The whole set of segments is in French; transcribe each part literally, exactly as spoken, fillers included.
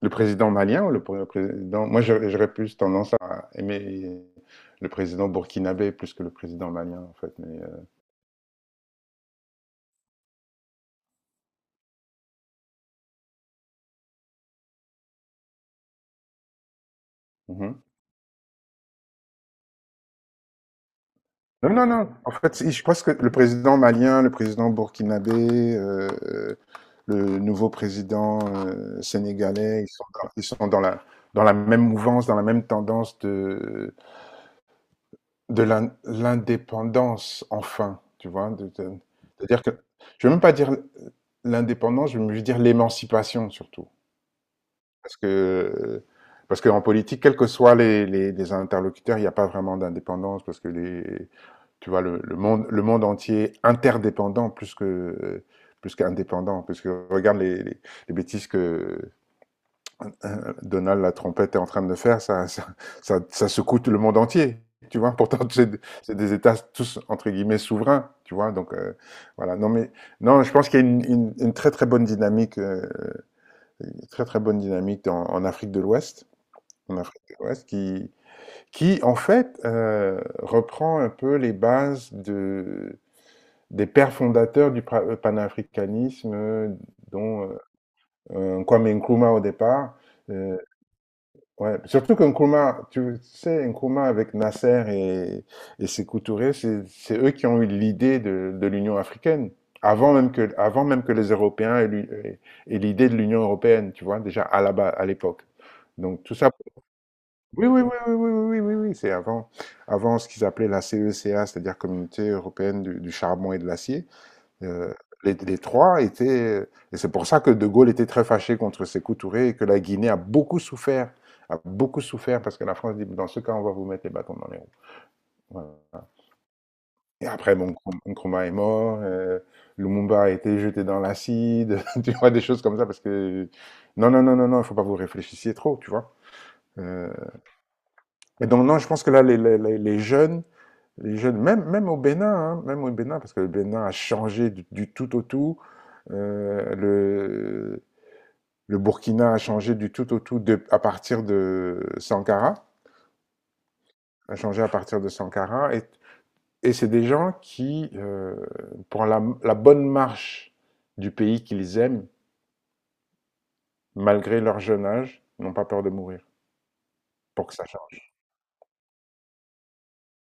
Le président malien ou le pr- président... Moi, j'aurais j'aurais plus tendance à aimer le président burkinabé plus que le président malien, en fait. Mais, euh, mhm. Non, non, non. En fait, si- je pense que le président malien, le président burkinabé, euh, euh, le nouveau président euh, sénégalais, ils sont dans, ils sont dans la, dans la même mouvance, dans la même tendance de, de l'in- l'indépendance, enfin. Tu vois, de- de- c'est-à-dire que je ne vais même pas dire l'indépendance, je veux dire l'émancipation surtout. Parce que, parce qu'en politique, quels que soient les, les, les interlocuteurs, il n'y a pas vraiment d'indépendance parce que les, tu vois, le, le monde, le monde entier interdépendant plus que, plus qu'indépendant. Parce que regarde les, les, les bêtises que euh, Donald la trompette est en train de faire, ça, ça, ça, ça secoue tout le monde entier. Tu vois, pourtant c'est c'est des États tous entre guillemets souverains. Tu vois, donc euh, voilà. Non mais non, je pense qu'il y a une, une, une très très bonne dynamique, euh, une très très bonne dynamique dans- en Afrique de l'Ouest. En Afrique de l'Ouest qui qui en fait, heu, reprend un peu les bases de des pères fondateurs du pra euh, panafricanisme, heu, dont, heu, Kwame Nkrumah au départ. Heu, ouais, surtout que Nkrumah, tu sais, Nkrumah avec Nasser et et Sékou Touré, c'est c'est eux qui ont eu l'idée de de l'Union africaine. Avant même que avant même que les Européens aient l'u aient aient l'idée de l'Union européenne, tu vois? Déjà à la ba à l'époque. Donc tout ça. Oui, oui, oui, oui, oui, oui, oui, oui, oui, c'est avant, avant ce qu'ils appelaient la CECA, c'est-à-dire Communauté européenne du, du charbon et de l'acier. Euh, les, les trois étaient, et c'est pour ça que De Gaulle était très fâché contre Sékou Touré et que la Guinée a beaucoup souffert, a beaucoup souffert parce que la France dit, dans ce cas, on va vous mettre les bâtons dans les roues. Voilà. Et après, bon, Nkrumah Nkrumah est mort, euh, Lumumba a été jeté dans l'acide, tu vois, des choses comme ça parce que, non, non, non, non, non, il faut pas vous réfléchissiez trop, tu vois. Euh, et donc, non, je pense que là, les, les les- les jeunes, les jeunes, même, même au Bénin, hein, même au Bénin, parce que le Bénin a changé du, du tout au tout. euh, le, le Burkina a changé du tout au tout de- à partir de Sankara, a changé à partir de Sankara. Et, et c'est des gens qui, euh, pour la, la bonne marche du pays qu'ils aiment, malgré leur jeune âge, n'ont pas peur de mourir pour que ça change.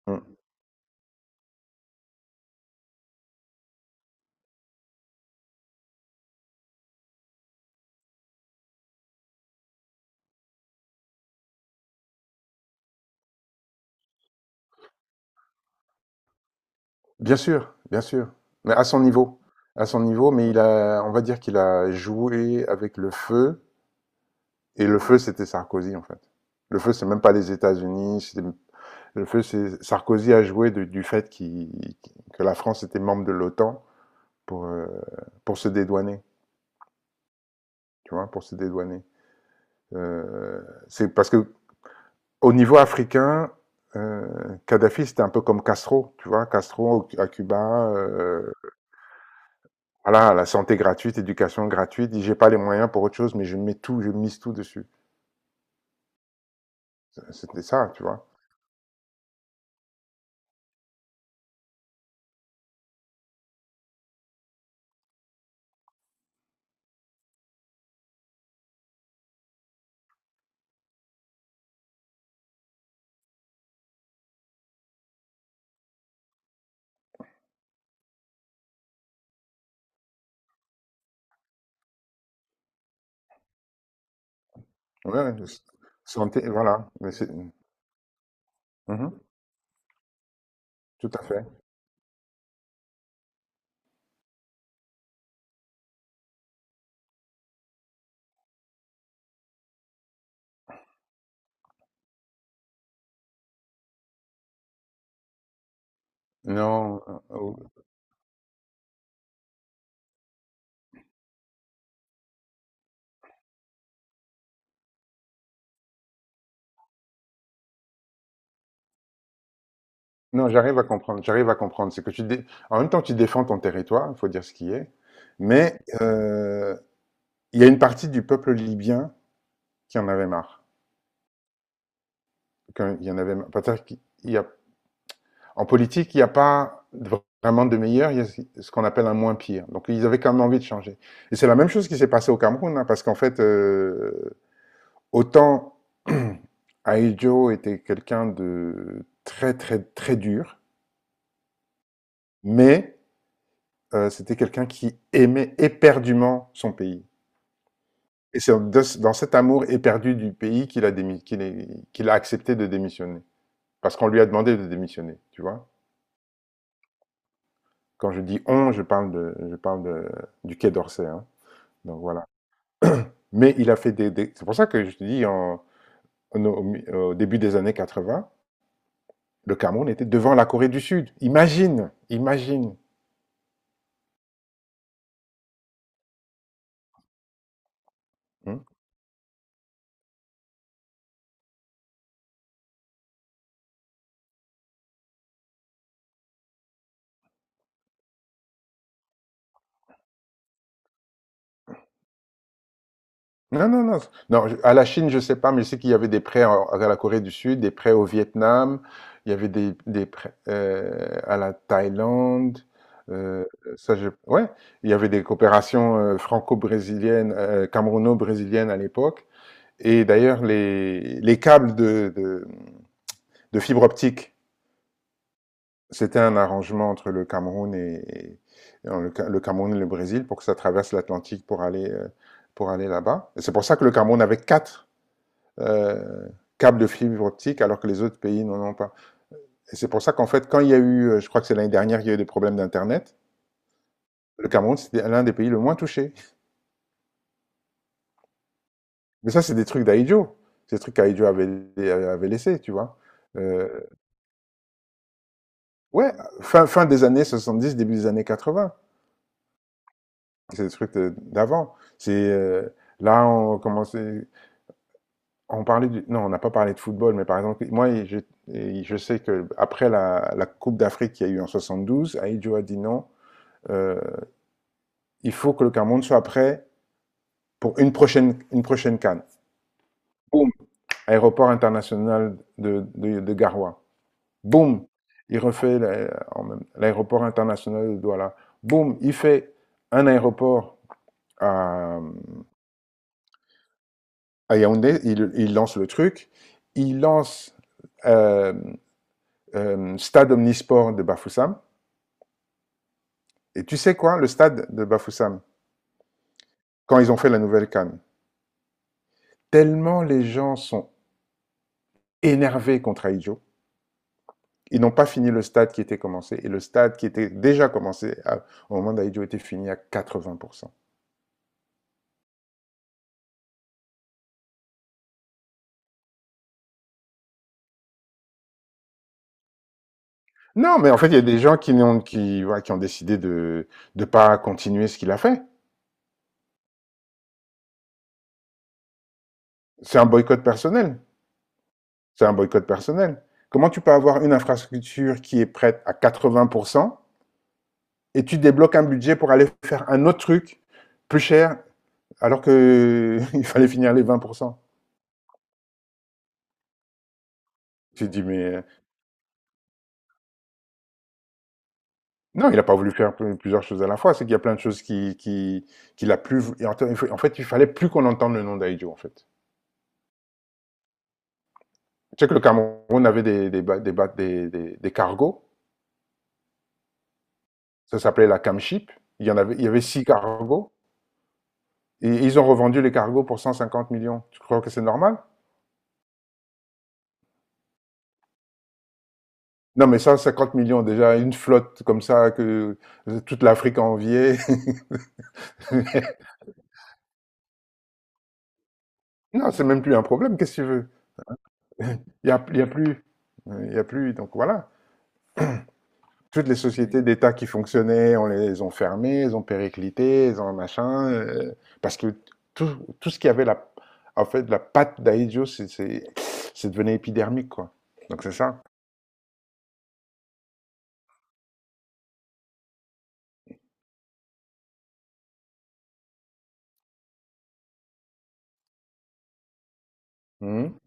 Mm. Bien sûr, bien sûr, mais à son niveau. À son niveau, mais il a, on va dire qu'il a joué avec le feu. Et le feu, c'était Sarkozy, en fait. Le feu, c'est même pas les États-Unis. Le feu, c'est Sarkozy a joué de- du fait qu'il- que la France était membre de l'OTAN pour, euh, pour se dédouaner, tu vois, pour se dédouaner. Euh, c'est parce que au niveau africain, euh, Kadhafi, c'était un peu comme Castro, tu vois, Castro à Cuba, euh, voilà, la santé gratuite, éducation gratuite, dit, j'ai pas les moyens pour autre chose, mais je mets tout, je mise tout dessus. C'était ça, tu vois. Ouais, santé, voilà. Mais c'est- Mhm. Tout à fait. Non, heu, ou non, j'arrive à comprendre, j'arrive à comprendre. C'est que tu dé en même temps, tu défends ton territoire, il faut dire ce qui est, mais heu, il y a une partie du peuple libyen qui en avait marre, qu'il y en avait marre. Peut-être qu'il y a en politique, il n'y a pas de- vraiment de meilleur, il y a ce ce qu'on appelle un moins pire. Donc ils avaient quand même envie de changer et c'est la même chose qui s'est passée au Cameroun, hein, parce qu'en fait, heu, autant Ahidjo était quelqu'un de très, très, très dur, mais Heu, c'était quelqu'un qui aimait éperdument son pays et c'est de dans cet amour éperdu du pays qu'il a démi qu'il est qu'il a accepté de démissionner. Parce qu'on lui a demandé de démissionner, tu vois? Quand je dis «on», je parle de je parle de du Quai d'Orsay, hein, donc voilà. Mais il a fait des des c'est pour ça que je te dis en en au mi au début des années quatre-vingts, le Cameroun était devant la Corée du Sud. Imagine! Imagine! Mmh. Non, non, non. Non, je- à la Chine, je sais pas, mais je sais qu'il y avait des prêts en- à la Corée du Sud, des prêts au Vietnam, il y avait des, des prêts euh, à la Thaïlande. euh, ça, je... Ouais, il y avait des coopérations euh, franco-brésiliennes, euh, camerouno-brésiliennes à l'époque. Et d'ailleurs, les, les câbles de, de, de fibre optique, c'était un arrangement entre le Cameroun et, et- non, le, Ca- le Cameroun et le Brésil pour que ça traverse l'Atlantique pour aller, euh, pour aller là-bas. Et c'est pour ça que le Cameroun avait quatre euh, câbles de fibre optique alors que les autres pays n'en ont pas. Et c'est pour ça qu'en fait, quand il y a eu, euh, je crois que c'est l'année dernière, il y a eu des problèmes d'Internet, le Cameroun, c'était l'un des pays le moins touchés. Mais ça, c'est des trucs d'Aïdjo. C'est des trucs qu'Aïdjo avait, avait laissés, tu vois. Euh, ouais, fin, fin des années soixante dix début des années quatre-vingts. C'est des trucs d'avant. C'est euh, là on commençait, on parlait du, non, on n'a pas parlé de football, mais par exemple, moi, je, je sais que après la, la Coupe d'Afrique qu'il y a eu en soixante douze Aïdjo a dit non. Euh, il faut que le Cameroun soit prêt pour une prochaine, une prochaine canne. Boum, aéroport international de, de, de Garoua. Boum, il refait l'aéroport international de Douala. Boum, il fait un aéroport à, à Yaoundé, il, il, lance le truc. Il lance euh, euh, Stade Omnisport de Bafoussam. Et tu sais quoi, le stade de Bafoussam, quand ils ont fait la nouvelle canne, tellement les gens sont énervés contre Aïdjo, ils n'ont pas fini le stade qui était commencé. Et le stade qui était déjà commencé à- au moment d'Aidio était fini à quatre-vingts pour cent. Non, mais en fait, il y a des gens qui, ont qui, ouais, qui ont décidé de ne pas continuer ce qu'il a fait. C'est un boycott personnel. C'est un boycott personnel. Comment tu peux avoir une infrastructure qui est prête à quatre-vingts pour cent et tu débloques un budget pour aller faire un autre truc plus cher alors que il fallait finir les vingt pour cent. Tu te dis, mais euh, Non, il n'a pas voulu faire pl- plusieurs choses à la fois. C'est qu'il y a plein de choses qui, qui, qu'il a plus. et En en fait, il fallait plus qu'on entende le nom d'Aïdjo, en fait. Tu sais que le Cameroun avait des, des, ba- des, ba- des, des- des cargos. Ça s'appelait la Camship. Il y en avait, il y avait six cargos. Et ils ont revendu les cargos pour cent cinquante millions. Tu crois que c'est normal? Non, mais cent cinquante millions, déjà, une flotte comme ça que toute l'Afrique enviait. Non, c'est même plus un problème. Qu'est-ce que tu veux? Il y a, il y a plus. Il y a plus. Donc voilà. Toutes les sociétés d'État qui fonctionnaient, on les ont fermées, elles ont périclité, elles ont machin, euh, parce que tout, tout ce qui avait la, en fait, la patte d'Aïdjo, c'est c'est- c'est devenu épidermique, quoi. Donc c'est ça. Mhm.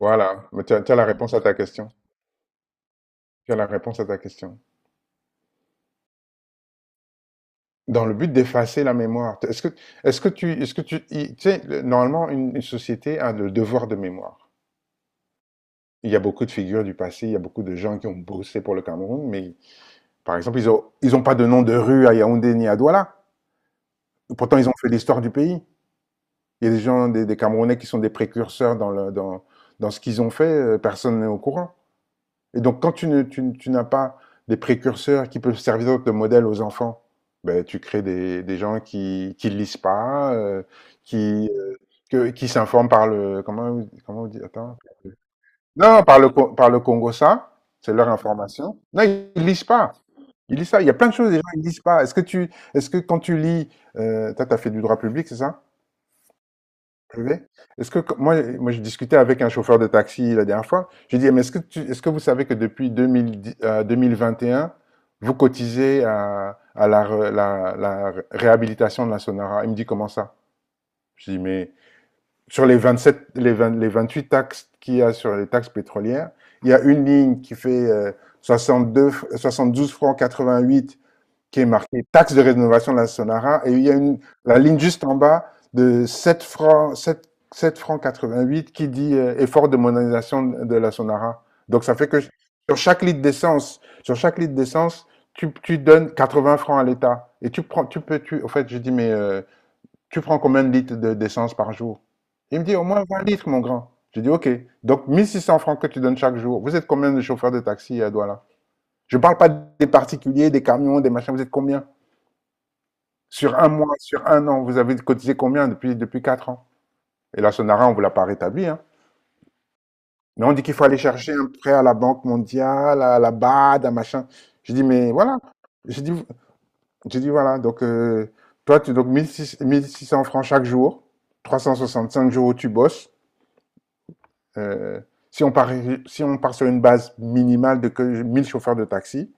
Voilà. Mais tu as, tu as la réponse à ta question. Tu as la réponse à ta question. Dans le but d'effacer la mémoire, est-ce que, est-ce que tu, est-ce que tu, il- tu sais, le- normalement, une, une société a le devoir de mémoire. Il y a beaucoup de figures du passé, il y a beaucoup de gens qui ont bossé pour le Cameroun, mais par exemple, ils ont ils ont pas de nom de rue à Yaoundé ni à Douala. Pourtant, ils ont fait l'histoire du pays. Il y a des gens, des, des Camerounais qui sont des précurseurs dans, le, dans, dans ce qu'ils ont fait, euh, personne n'est au courant. Et donc, quand tu, ne- tu- tu n'as pas des précurseurs qui peuvent servir de modèle aux enfants, ben, tu crées des, des gens qui qui lisent pas, euh, qui, euh, que- qui s'informent par le... Comment, on- comment on dit? Attends. Non, par le, Con- par le Congo, ça, c'est leur information. Non, ils lisent pas. Il lisent ça. Il y a plein de choses, les gens, ne lisent pas. Est-ce que tu, est-ce que quand tu lis, euh, toi, t'as fait du droit public, c'est ça? Privé? Est-ce que, quand- moi, moi, j'ai discuté avec un chauffeur de taxi la dernière fois. J'ai dit, mais est-ce que tu, est-ce que vous savez que depuis deux mille dix, euh, deux mille vingt et un, vous cotisez à, à la, re- la, la réhabilitation de la Sonora? Il me dit, comment ça? Je dis, mais sur les vingt-sept, les vingt les vingt-huit taxes qu'il y a sur les taxes pétrolières, il y a une ligne qui fait euh, soixante-deux, soixante-douze francs quatre-vingt-huit qui est marqué taxe de rénovation de la Sonara. Et il y a une, la ligne juste en bas de sept francs, sept, sept francs quatre-vingt-huit qui dit euh, effort de modernisation de la Sonara. Donc ça fait que sur chaque litre d'essence, sur chaque litre d'essence, tu, tu donnes quatre-vingts francs à l'État. Et tu prends, tu peux, tu, au fait, je dis, mais euh, tu prends combien de litres de- d'essence par jour? Il me dit, au moins vingt litres, mon grand. Je dis, OK. Donc mille six cents francs que tu donnes chaque jour. Vous êtes combien de chauffeurs de taxi à Douala? Je ne parle pas des particuliers, des camions, des machins. Vous êtes combien sur un mois, sur un an, vous avez cotisé combien depuis, depuis quatre ans? Et la Sonara, on ne vous l'a pas rétabli, hein. Mais on dit qu'il faut aller chercher un prêt à la Banque mondiale, à la B A D, à machin. J'ai dit, mais voilà. J'ai dit, j'ai dit, voilà. Donc, euh, toi, tu, donc, mille six mille six cents francs chaque jour, trois cent soixante-cinq jours où tu bosses. Euh, si on part, si on part sur une base minimale de que mille chauffeurs de taxi,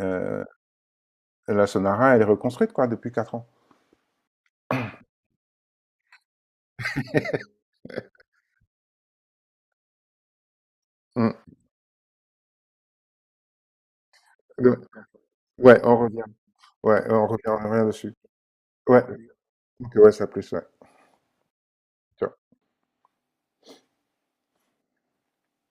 euh, la Sonara, elle est reconstruite, quoi, depuis quatre ans. Mm. Ouais, on revient. Ouais, on revient, on revient dessus. Ouais. Ok, ouais, ça plus, ouais.